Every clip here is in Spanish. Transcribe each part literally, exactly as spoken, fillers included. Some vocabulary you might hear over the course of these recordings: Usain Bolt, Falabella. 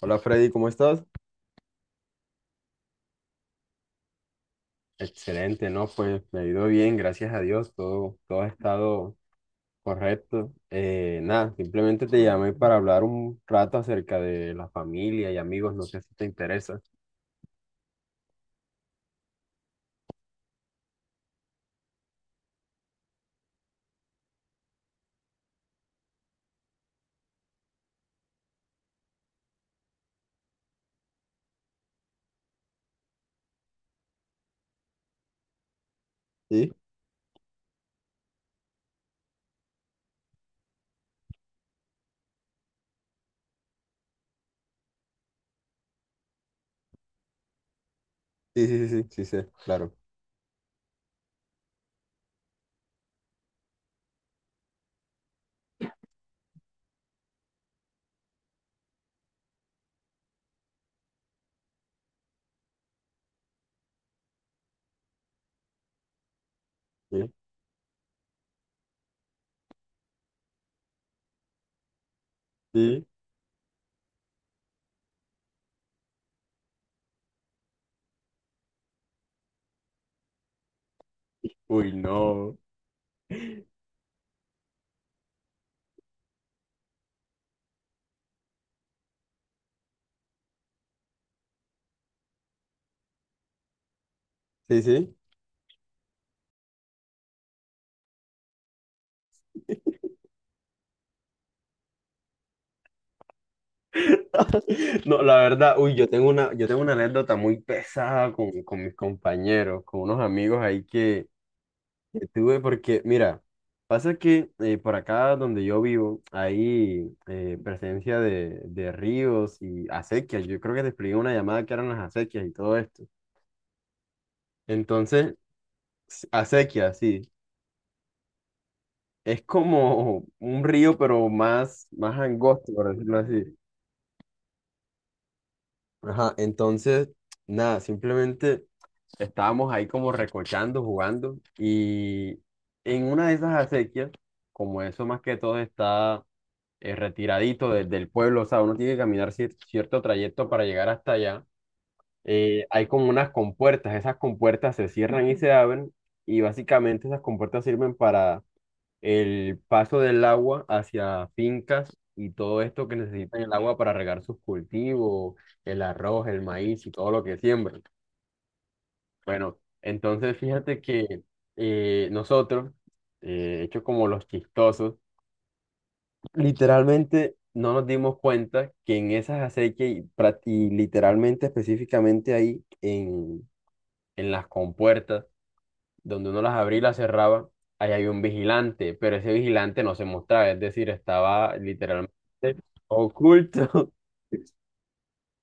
Hola Freddy, ¿cómo estás? Excelente, ¿no? Pues me ha ido bien, gracias a Dios, todo, todo ha estado correcto. Eh, nada, Simplemente te llamé para hablar un rato acerca de la familia y amigos, no sé si te interesa. Sí, sí, sí, sí, sí, sí, sé, claro. Sí. Sí. Uy, no. Sí, sí. No, la verdad, uy, yo tengo una, yo tengo una anécdota muy pesada con, con mis compañeros, con unos amigos ahí que. que tuve porque, mira, pasa que eh, por acá donde yo vivo hay eh, presencia de, de ríos y acequias. Yo creo que te expliqué una llamada que eran las acequias y todo esto. Entonces, s- acequia, sí, es como un río, pero más, más angosto, por decirlo así. Ajá, entonces, nada, simplemente estábamos ahí como recochando, jugando y en una de esas acequias, como eso más que todo está eh, retiradito de- del pueblo, o sea, uno tiene que caminar cier- cierto trayecto para llegar hasta allá. eh, hay como unas compuertas, esas compuertas se cierran y se abren y básicamente esas compuertas sirven para el paso del agua hacia fincas y todo esto que necesitan el agua para regar sus cultivos, el arroz, el maíz y todo lo que siembran. Bueno, entonces fíjate que eh, nosotros, eh, hecho como los chistosos, literalmente no nos dimos cuenta que en esas acequias y, pra- y literalmente específicamente ahí en, en las compuertas, donde uno las abría y las cerraba, ahí hay un vigilante, pero ese vigilante no se mostraba, es decir, estaba literalmente oculto.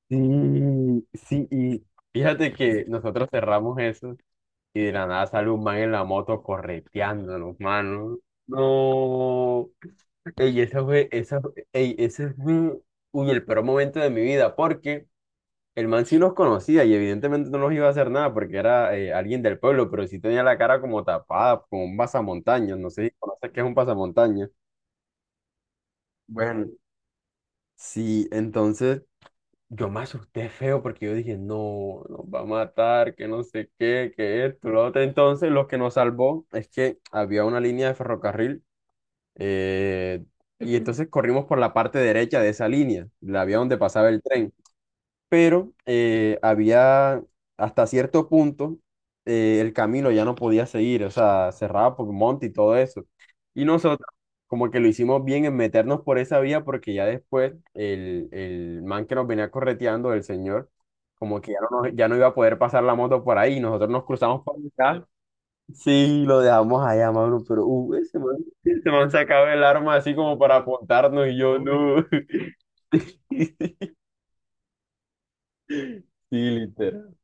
Sí, sí, y fíjate que nosotros cerramos eso y de la nada sale un man en la moto correteándonos, mano. No. Ey, esa fue, esa, fue- ey, ese fue, uy, el peor momento de mi vida, porque el man sí los conocía y evidentemente no los iba a hacer nada porque era eh, alguien del pueblo, pero sí tenía la cara como tapada, como un pasamontañas, no sé si conoces qué es un pasamontañas. Bueno, sí, entonces yo me asusté feo porque yo dije, no, nos va a matar, que no sé qué, que esto, lo otro. Entonces, lo que nos salvó es que había una línea de ferrocarril. Eh, y entonces corrimos por la parte derecha de esa línea, la vía donde pasaba el tren. Pero eh, había hasta cierto punto eh, el camino ya no podía seguir, o sea, cerraba por monte y todo eso. Y nosotros como que lo hicimos bien en meternos por esa vía porque ya después el, el man que nos venía correteando, el señor, como que ya no, nos- ya no iba a poder pasar la moto por ahí. Nosotros nos cruzamos por acá. Sí, lo dejamos allá, mano, pero uh, ese man, ese man sacaba el arma así como para apuntarnos y yo no. Sí, literal.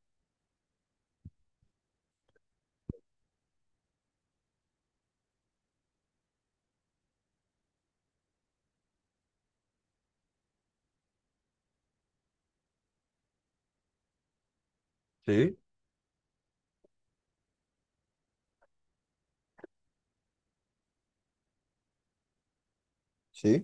Sí, sí.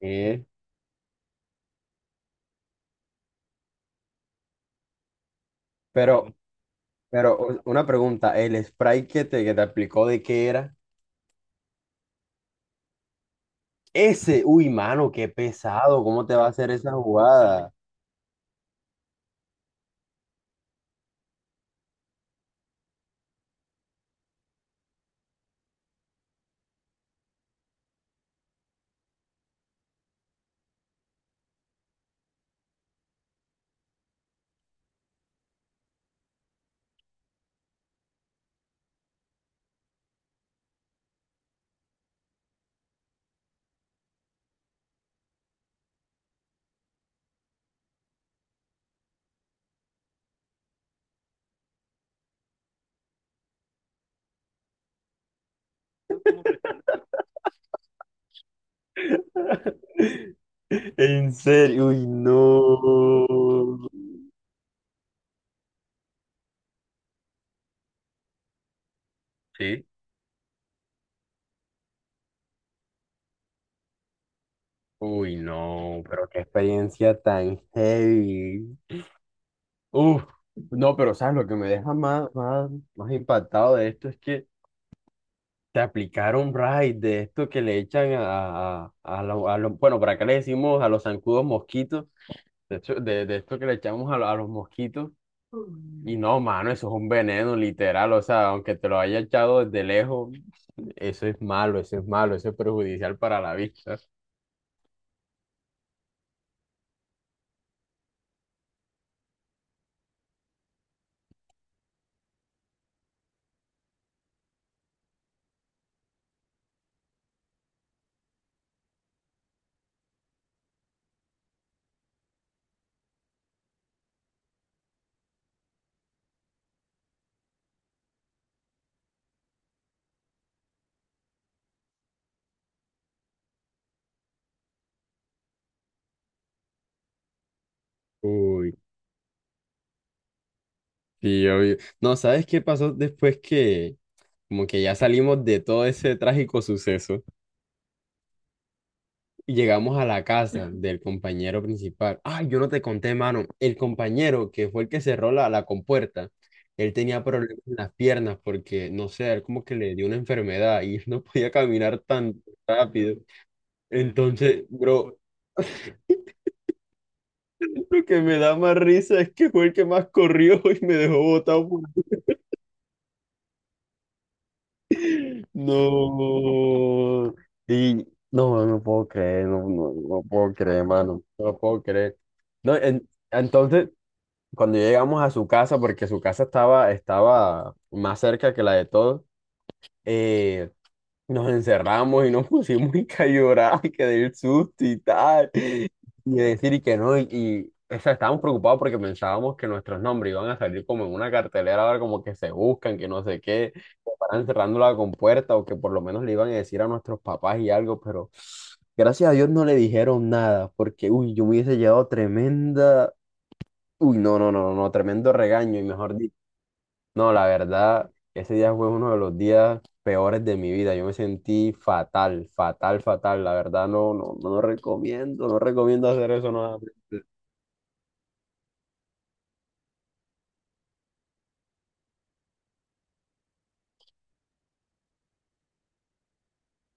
Eh, pero, pero u- una pregunta, el spray que te, que te aplicó de qué era, ese, uy, mano, qué pesado, ¿cómo te va a hacer esa jugada? En serio, uy, no. Sí. Uy, no, pero qué experiencia tan heavy. Uf, no, pero sabes, lo que me deja más, más, más impactado de esto es que te aplicaron raid de esto que le echan a, a, a lo- a los, bueno, para acá le decimos a los zancudos mosquitos, de, hecho, de, de esto que le echamos a, lo- a los mosquitos. Y no, mano, eso es un veneno literal, o sea, aunque te lo haya echado desde lejos, eso es malo, eso es malo, eso es perjudicial para la vista. Uy, sí, obvio. No, ¿sabes qué pasó después que como que ya salimos de todo ese trágico suceso? Y llegamos a la casa del compañero principal. Ay, yo no te conté, mano. El compañero que fue el que cerró la, la compuerta, él tenía problemas en las piernas porque, no sé, él como que le dio una enfermedad y él no podía caminar tan rápido. Entonces, bro, lo que me da más risa es que fue el que más corrió y me dejó botado. por- No. Y no, no puedo creer, no, no, no puedo creer, mano. No puedo creer. No, en- entonces, cuando llegamos a su casa, porque su casa estaba, estaba más cerca que la de todos, eh, nos encerramos y nos pusimos y que a llorar, que del susto y tal, y decir y que no, y, y, o sea, estábamos preocupados porque pensábamos que nuestros nombres iban a salir como en una cartelera, ahora como que se buscan, que no sé qué, que paran cerrando la compuerta o que por lo menos le iban a decir a nuestros papás y algo, pero... Gracias a Dios no le dijeron nada, porque uy, yo me hubiese llevado tremenda. Uy, no, no, no, no, no, tremendo regaño y mejor dicho. No, la verdad, ese día fue uno de los días peores de mi vida. Yo me sentí fatal, fatal, fatal. La verdad, no, no, no recomiendo, no recomiendo hacer eso nuevamente.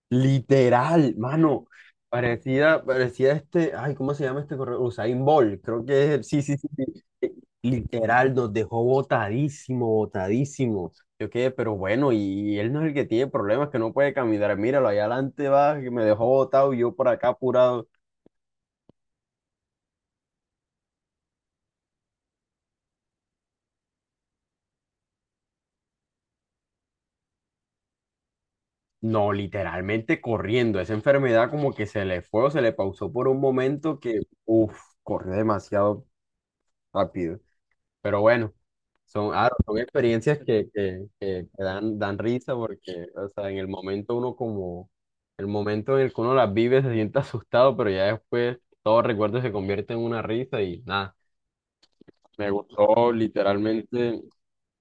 Literal, mano. Parecía, parecía este, ay, ¿cómo se llama este correo? Usain Bolt, creo que es, sí, sí, sí, sí. Eh, Literal, nos dejó botadísimo, botadísimo. Yo quedé, pero bueno, y él no es el que tiene problemas, que no puede caminar. Míralo, allá adelante va, que me dejó botado y yo por acá apurado. No, literalmente corriendo. Esa enfermedad como que se le fue o se le pausó por un momento que, uff, corrió demasiado rápido. Pero bueno, son, ah, son experiencias que, que, que- que dan, dan risa porque, o sea, en el momento uno como, el momento en el que uno las vive se siente asustado, pero ya después todo recuerdo se convierte en una risa y nada, me gustó literalmente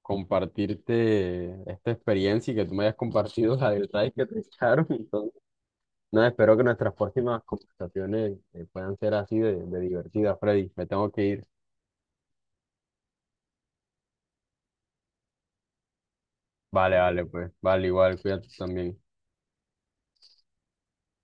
compartirte esta experiencia y que tú me hayas compartido la del raid que te echaron. Entonces, nada, espero que nuestras próximas conversaciones eh, puedan ser así de, de divertidas, Freddy. Me tengo que ir. Vale, vale, pues, vale, igual, cuídate también.